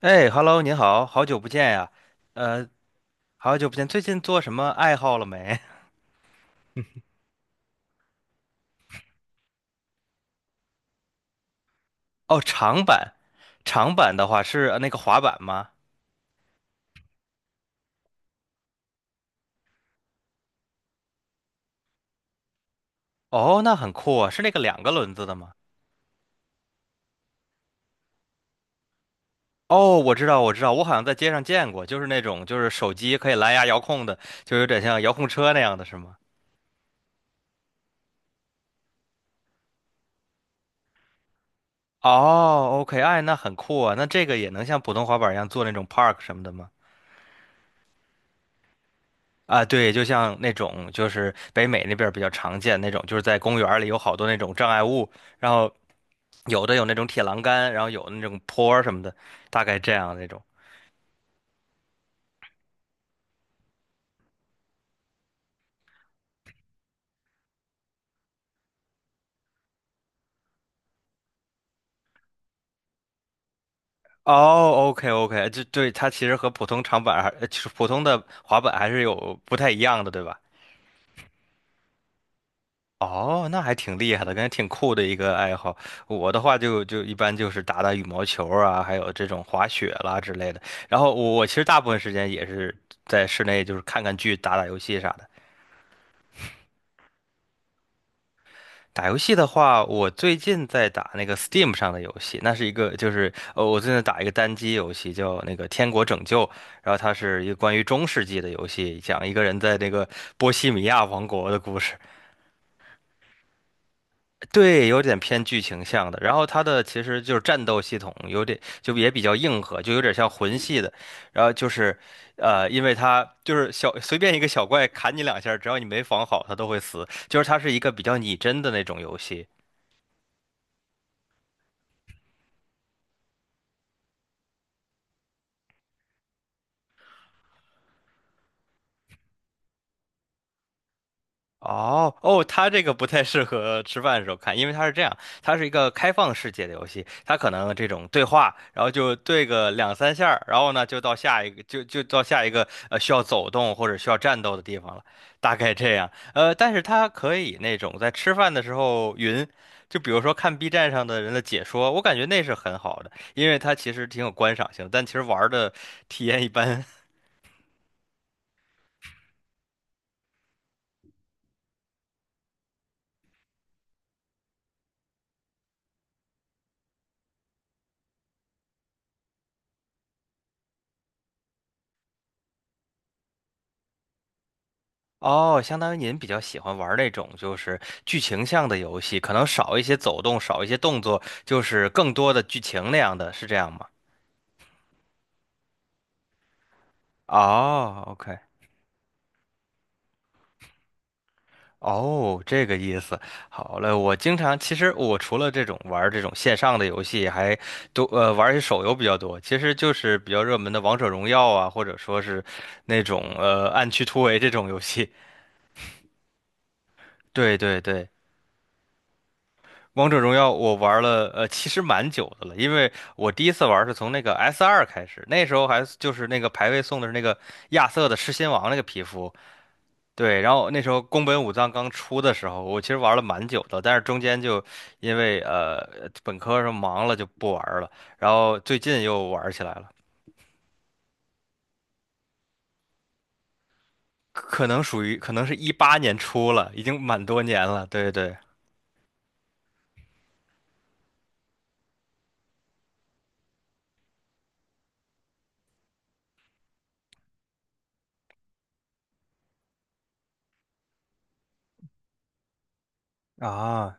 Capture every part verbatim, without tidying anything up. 哎，Hello，您好，好久不见呀，呃，好久不见，最近做什么爱好了没？哦，长板，长板的话是呃那个滑板吗？哦，那很酷啊，是那个两个轮子的吗？哦，我知道，我知道，我好像在街上见过，就是那种就是手机可以蓝牙遥控的，就有点像遥控车那样的是吗？哦，OK，哎，那很酷啊，那这个也能像普通滑板一样做那种 park 什么的吗？啊，对，就像那种就是北美那边儿比较常见那种，就是在公园儿里有好多那种障碍物。然后有的有那种铁栏杆，然后有那种坡儿什么的，大概这样那种。哦，OK OK，就对它其实和普通长板还，呃就是普通的滑板还是有不太一样的，对吧？哦，那还挺厉害的，感觉挺酷的一个爱好。我的话就就一般就是打打羽毛球啊，还有这种滑雪啦之类的。然后我我其实大部分时间也是在室内，就是看看剧、打打游戏啥的。打游戏的话，我最近在打那个 Steam 上的游戏，那是一个就是呃，我最近打一个单机游戏叫那个《天国拯救》，然后它是一个关于中世纪的游戏，讲一个人在那个波西米亚王国的故事，对，有点偏剧情向的。然后它的其实就是战斗系统有点就也比较硬核，就有点像魂系的。然后就是呃，因为它就是小随便一个小怪砍你两下，只要你没防好，它都会死。就是它是一个比较拟真的那种游戏。哦哦，它这个不太适合吃饭的时候看，因为它是这样，它是一个开放世界的游戏，它可能这种对话，然后就对个两三下儿然后呢就到下一个，就就到下一个呃需要走动或者需要战斗的地方了，大概这样。呃，但是它可以那种在吃饭的时候云，就比如说看 B 站上的人的解说，我感觉那是很好的，因为它其实挺有观赏性的但其实玩儿的体验一般。哦，相当于您比较喜欢玩那种就是剧情向的游戏，可能少一些走动，少一些动作，就是更多的剧情那样的，是这样吗？哦，OK，哦，这个意思。好嘞，我经常其实我除了这种玩儿这种线上的游戏，还多呃玩儿一些手游比较多。其实就是比较热门的王者荣耀啊，或者说是那种呃暗区突围这种游戏。对对对。王者荣耀我玩了，呃，其实蛮久的了，因为我第一次玩是从那个 S 二开始，那时候还是就是那个排位送的是那个亚瑟的狮心王那个皮肤，对，然后那时候宫本武藏刚出的时候，我其实玩了蛮久的，但是中间就因为呃本科上忙了就不玩了，然后最近又玩起来了，可能属于可能是一八年出了，已经蛮多年了，对对。啊，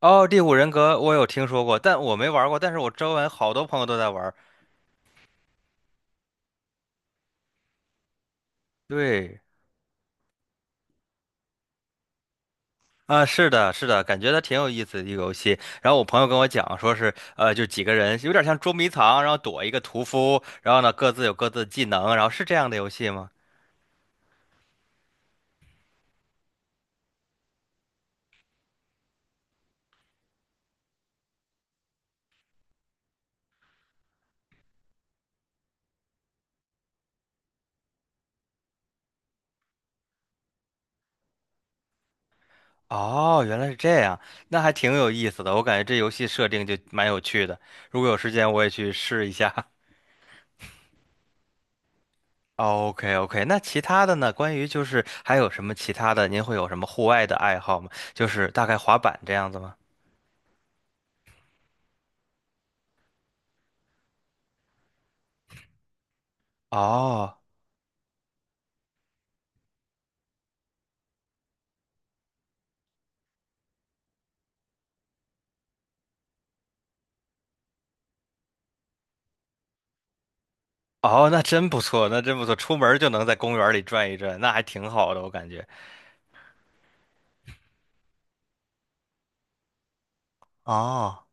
哦，《第五人格》我有听说过，但我没玩过。但是我周围好多朋友都在玩，对，啊，是的，是的，感觉它挺有意思的一个游戏。然后我朋友跟我讲，说是，呃，就几个人有点像捉迷藏，然后躲一个屠夫，然后呢各自有各自的技能，然后是这样的游戏吗？哦，原来是这样，那还挺有意思的。我感觉这游戏设定就蛮有趣的，如果有时间我也去试一下。OK OK，那其他的呢？关于就是还有什么其他的？您会有什么户外的爱好吗？就是大概滑板这样子吗？哦。哦，那真不错，那真不错，出门就能在公园里转一转，那还挺好的，我感觉。哦，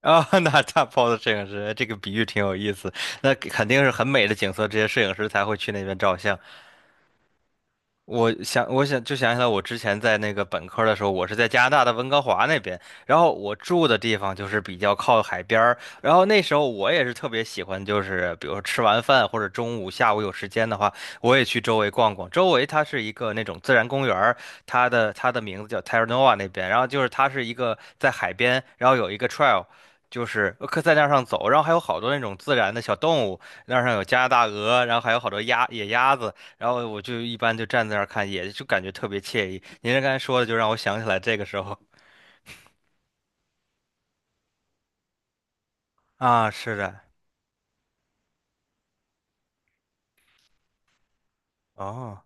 啊、那大炮的摄影师，这个比喻挺有意思。那肯定是很美的景色，这些摄影师才会去那边照相。我想，我想就想起来，我之前在那个本科的时候，我是在加拿大的温哥华那边，然后我住的地方就是比较靠海边儿，然后那时候我也是特别喜欢，就是比如说吃完饭或者中午、下午有时间的话，我也去周围逛逛。周围它是一个那种自然公园儿它的它的名字叫 Terra Nova 那边，然后就是它是一个在海边，然后有一个 trail。就是可在那儿上走，然后还有好多那种自然的小动物，那儿上有加拿大鹅，然后还有好多鸭野鸭子，然后我就一般就站在那儿看，也就感觉特别惬意。您这刚才说的，就让我想起来这个时候 啊，是的，哦，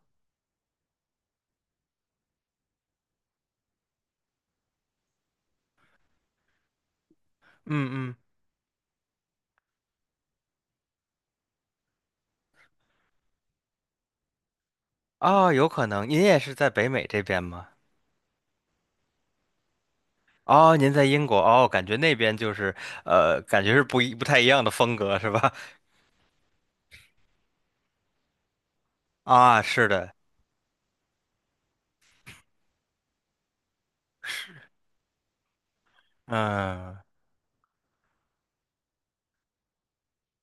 嗯嗯，哦，有可能您也是在北美这边吗？哦，您在英国哦，感觉那边就是呃，感觉是不一不太一样的风格是吧？啊，是的，嗯。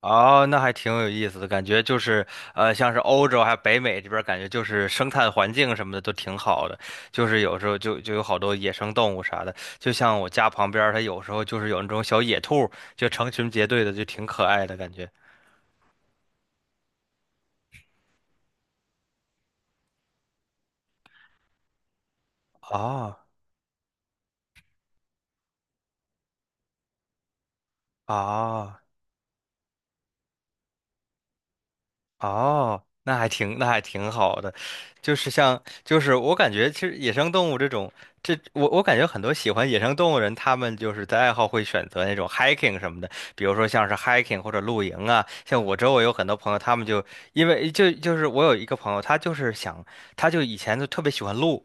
哦，那还挺有意思的，感觉就是，呃，像是欧洲还有北美这边儿感觉就是生态环境什么的都挺好的，就是有时候就就有好多野生动物啥的，就像我家旁边儿它有时候就是有那种小野兔就成群结队的，就挺可爱的感觉。哦，哦。哦，那还挺，那还挺好的，就是像，就是我感觉，其实野生动物这种，这我我感觉很多喜欢野生动物人，他们就是在爱好会选择那种 hiking 什么的，比如说像是 hiking 或者露营啊。像我周围有很多朋友，他们就因为就就是我有一个朋友，他就是想，他就以前就特别喜欢露，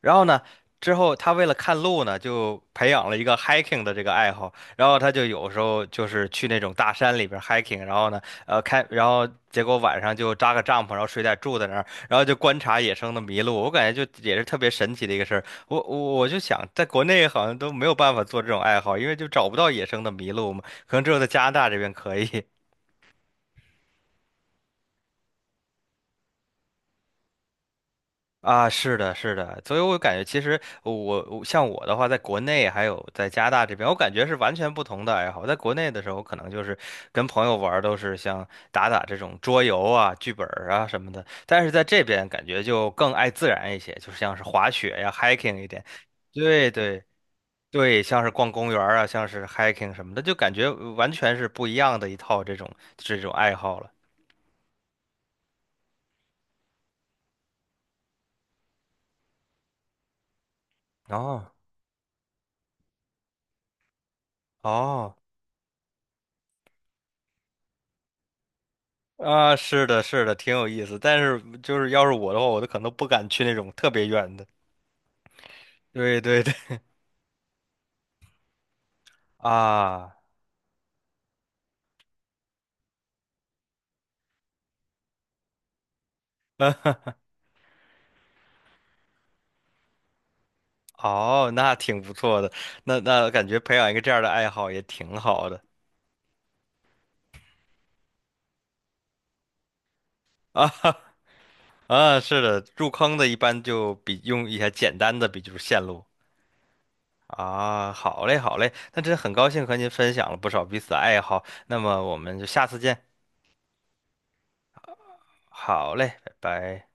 然后呢，之后他为了看路呢，就培养了一个 hiking 的这个爱好。然后他就有时候就是去那种大山里边儿 hiking，然后呢，呃，开，然后结果晚上就扎个帐篷，然后睡袋住在那儿，然后就观察野生的麋鹿。我感觉就也是特别神奇的一个事儿。我我我就想，在国内好像都没有办法做这种爱好，因为就找不到野生的麋鹿嘛，可能只有在加拿大这边可以。啊，是的，是的，所以我感觉其实我我像我的话，在国内还有在加拿大这边，我感觉是完全不同的爱好。在国内的时候，可能就是跟朋友玩儿都是像打打这种桌游啊、剧本儿啊什么的，但是在这边感觉就更爱自然一些，就像是滑雪呀、hiking 一点。对对对，像是逛公园儿啊，像是 hiking 什么的，就感觉完全是不一样的一套这种这种爱好了。哦哦。啊，是的，是的，挺有意思。但是就是要是我的话，我都可能不敢去那种特别远的。对对对，啊，嗯，哦，那挺不错的。那那感觉培养一个这样的爱好也挺好的啊 啊，是的，入坑的一般就比用一些简单的，比如线路啊。好嘞，好嘞，那真的很高兴和您分享了不少彼此的爱好。那么我们就下次见。好嘞，拜拜。